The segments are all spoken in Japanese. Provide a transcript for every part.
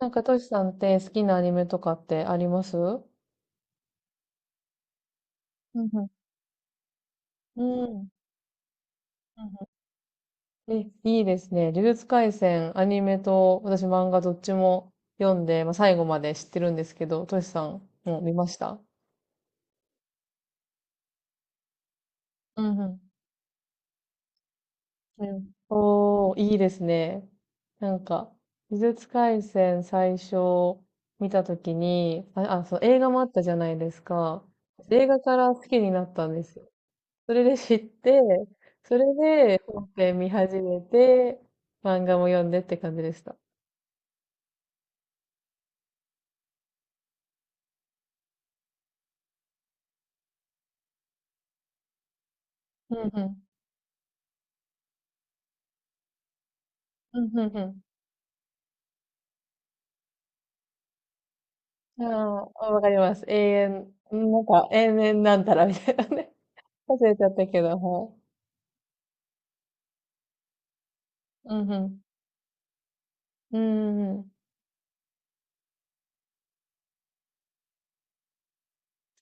なんか、トシさんって好きなアニメとかってあります？うんうんうん。うん。え、いいですね。呪術廻戦、アニメと、私漫画どっちも読んで、まあ、最後まで知ってるんですけど、トシさんも見ました？うんうん。うん、おー、いいですね。なんか、呪術廻戦最初見たときに、あ、そう、映画もあったじゃないですか。映画から好きになったんですよ。それで知って、それで本編見始めて、漫画も読んでって感じでした。うんうん。うんうんうん。ああ、わかります。なんか永遠なんたらみたいなね。忘れちゃったけど、はい。うんうん。うんうん。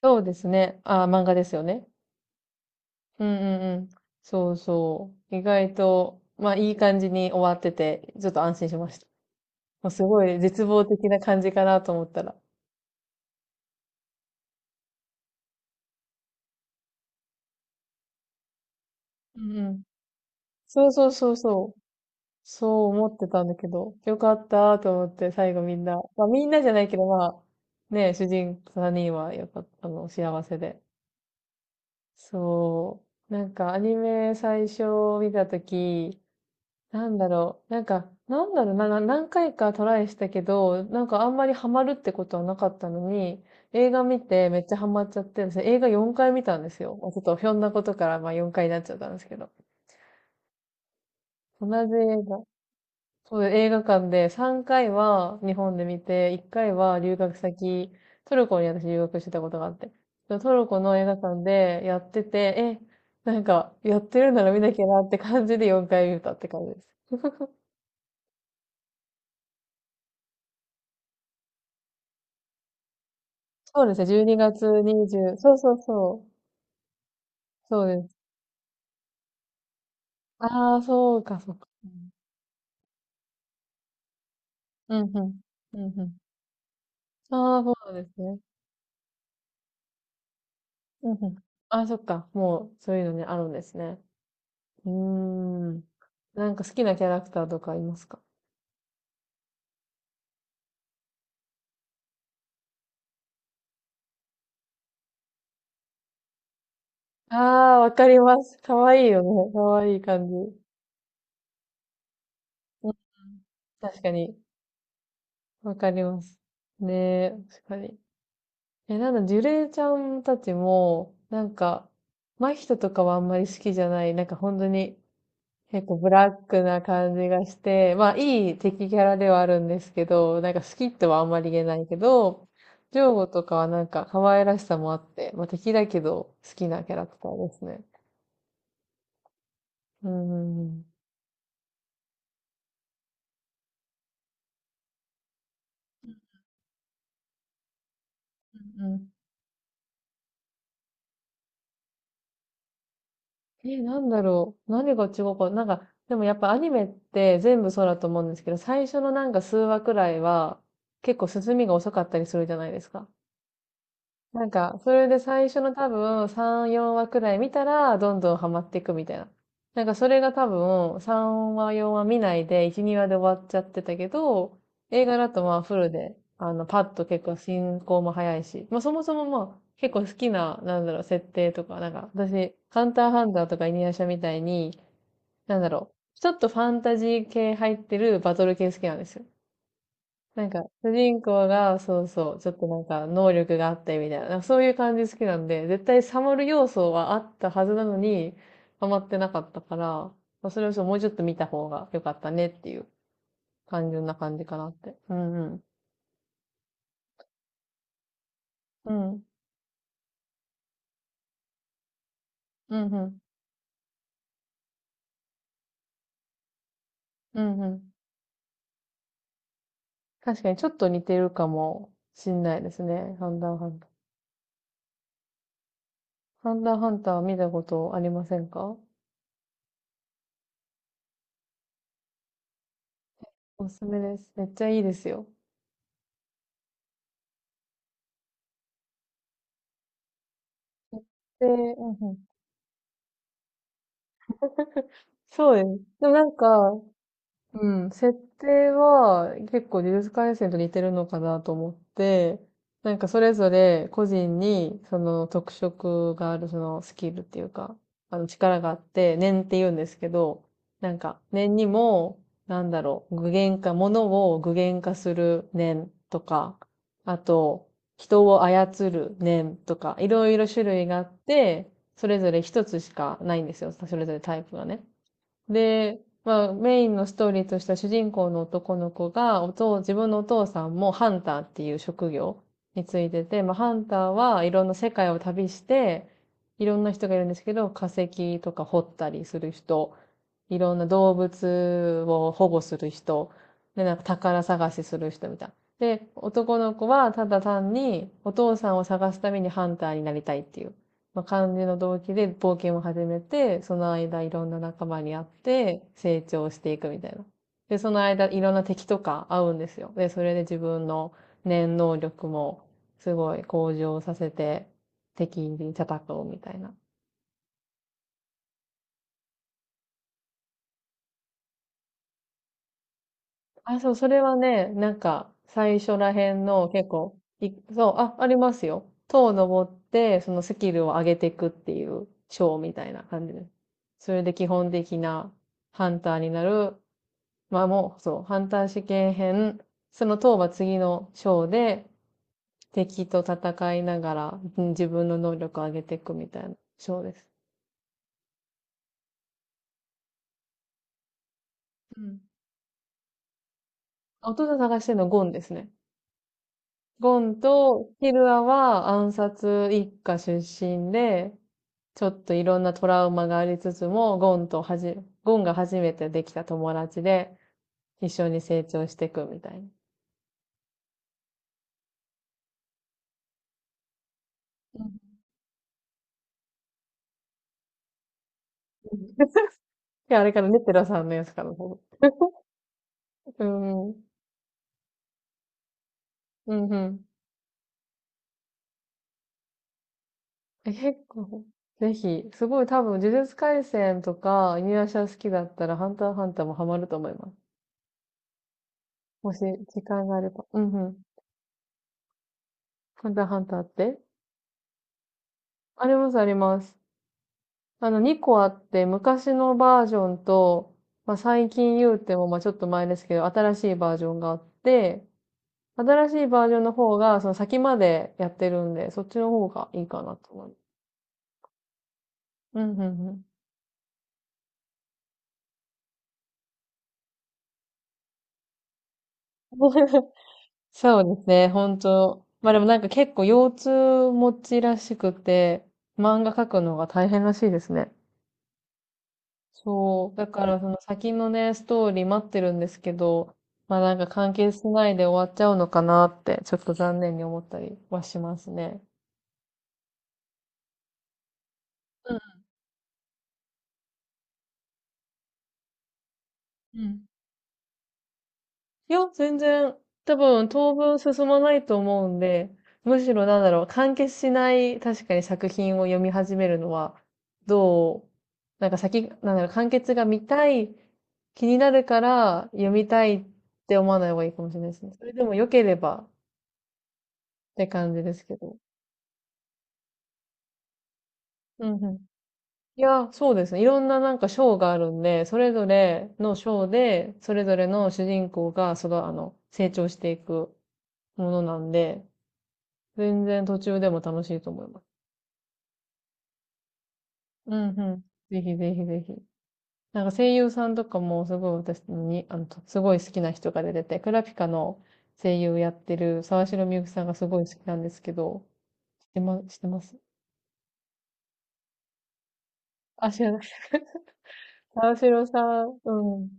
そうですね。ああ、漫画ですよね。うんうんうん。そうそう。意外と、まあいい感じに終わってて、ちょっと安心しました。もうすごい絶望的な感じかなと思ったら。うんうん。そうそうそうそう。そう思ってたんだけど、よかったと思って最後みんな、まあみんなじゃないけど、まあ、ね、主人3人はよかった、あの、幸せで。そう。なんかアニメ最初見たとき、なんだろう、なんか、なんだろうな、何回かトライしたけど、なんかあんまりハマるってことはなかったのに、映画見てめっちゃハマっちゃって、私映画4回見たんですよ。まあちょっとひょんなことからまあ4回になっちゃったんですけど。同じ映画。そう、映画館で3回は日本で見て、1回は留学先、トルコに私留学してたことがあって。そのトルコの映画館でやってて、え、なんかやってるなら見なきゃなって感じで4回見たって感じです。そうですね、12月20、そうそうそう、そうです。ああ、そうか、そうか。うん、うん、うん、うん。ああ、そうなんですね。うん、うん。ああ、そっか、もうそういうのね、あるんですね。うーん。なんか好きなキャラクターとかいますか？ああ、わかります。かわいいよね。かわいい感じ。うん。確かに。わかります。ねえ、確かに。え、なんだ、ジュレイちゃんたちも、なんか、真人とかはあんまり好きじゃない。なんか本当に、結構ブラックな感じがして、まあいい敵キャラではあるんですけど、なんか好きとはあんまり言えないけど、ジョーゴとかはなんか可愛らしさもあって、まあ敵だけど好きなキャラクターですね。うんうんうん。え、なんだろう。何が違うか。なんか、でもやっぱアニメって全部そうだと思うんですけど、最初のなんか数話くらいは結構進みが遅かったりするじゃないですか。なんか、それで最初の多分3、4話くらい見たら、どんどんハマっていくみたいな。なんかそれが多分3話、4話見ないで、1、2話で終わっちゃってたけど、映画だとまあフルで、あの、パッと結構進行も早いし、まあそもそもまあ結構好きな、なんだろう、設定とか、なんか私、ハンターハンターとかイニアシャみたいに、なんだろう、ちょっとファンタジー系入ってるバトル系好きなんですよ。なんか、主人公が、そうそう、ちょっとなんか、能力があってみたいな、なんかそういう感じ好きなんで、絶対サムる要素はあったはずなのに、ハマってなかったから、まあそれをそうもうちょっと見た方が良かったねっていう単純な感じかなって。うんうん。うん。うんうん。うんうん。確かにちょっと似てるかもしんないですね。ハンターハンター。ハンターハンターは見たことありませんか？おすすめです。めっちゃいいですよ。で、うんうん。そうです。でもなんか、うん、設定は結構呪術廻戦と似てるのかなと思って、なんかそれぞれ個人にその特色があるそのスキルっていうか、あの力があって、念って言うんですけど、なんか念にも、なんだろう、具現化、物を具現化する念とか、あと、人を操る念とか、いろいろ種類があって、それぞれ一つしかないんですよ。それぞれタイプがね。で、まあ、メインのストーリーとしては主人公の男の子が、自分のお父さんもハンターっていう職業についてて、まあ、ハンターはいろんな世界を旅して、いろんな人がいるんですけど、化石とか掘ったりする人、いろんな動物を保護する人、で、なんか宝探しする人みたいな。で、男の子はただ単にお父さんを探すためにハンターになりたいっていう。まあ、感じの動機で冒険を始めて、その間いろんな仲間に会って成長していくみたいな。で、その間いろんな敵とか会うんですよ。で、それで自分の念能力もすごい向上させて敵に叩こうみたいな。あ、そう、それはね、なんか最初らへんの結構、そう、あ、ありますよ。塔を登ってそのスキルを上げていくっていう章みたいな感じです。それで基本的なハンターになる、まあもう、そう、ハンター試験編、その当は次の章で、敵と戦いながら、うん、自分の能力を上げていくみたいな章です。うん、弟探してるのはゴンですね。ゴンとヒルアは暗殺一家出身で、ちょっといろんなトラウマがありつつも、ゴンとはじ、ゴンが初めてできた友達で、一緒に成長していくみたいな。うん。 いや、あれからね、テラさんのやつから。うん。うんうん。え、結構、ぜひ、すごい多分、呪術廻戦とか、犬夜叉好きだったら、ハンターハンターもハマると思います。もし、時間があれば。うんうん。ハンターハンターって、あります、あります。あの、2個あって、昔のバージョンと、まあ、最近言うても、まあ、ちょっと前ですけど、新しいバージョンがあって、新しいバージョンの方が、その先までやってるんで、そっちの方がいいかなと思います。うんうんうん。そうですね、本当。まあでもなんか結構腰痛持ちらしくて、漫画描くのが大変らしいですね。そう。だからその先のね、ストーリー待ってるんですけど、まあなんか完結しないで終わっちゃうのかなって、ちょっと残念に思ったりはしますね。うんうん、いや、全然、多分当分進まないと思うんで、むしろなんだろう、完結しない確かに作品を読み始めるのは、どう、なんか先、なんだろう、完結が見たい、気になるから読みたいって思わない方がいいかもしれないですね。それでも良ければって感じですけど。うんうん。いや、そうですね。いろんななんか章があるんで、それぞれの章で、それぞれの主人公が、その、あの、成長していくものなんで、全然途中でも楽しいと思います。うんうん。ぜひぜひぜひ。なんか声優さんとかもすごい私に、あの、とすごい好きな人が出てて、クラピカの声優やってる沢城みゆきさんがすごい好きなんですけど、知ってます？あ、知らない。沢城さん、うん。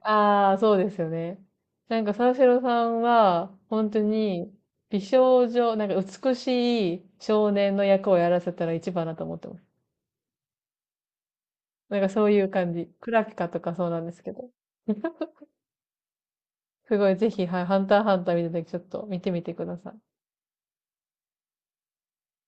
ああ、そうですよね。なんか沢城さんは、本当に、美少女、なんか美しい少年の役をやらせたら一番だと思ってます。なんかそういう感じ。クラピカとかそうなんですけど。すごい、ぜひ、はい、ハンターハンター見たときちょっと見てみてください。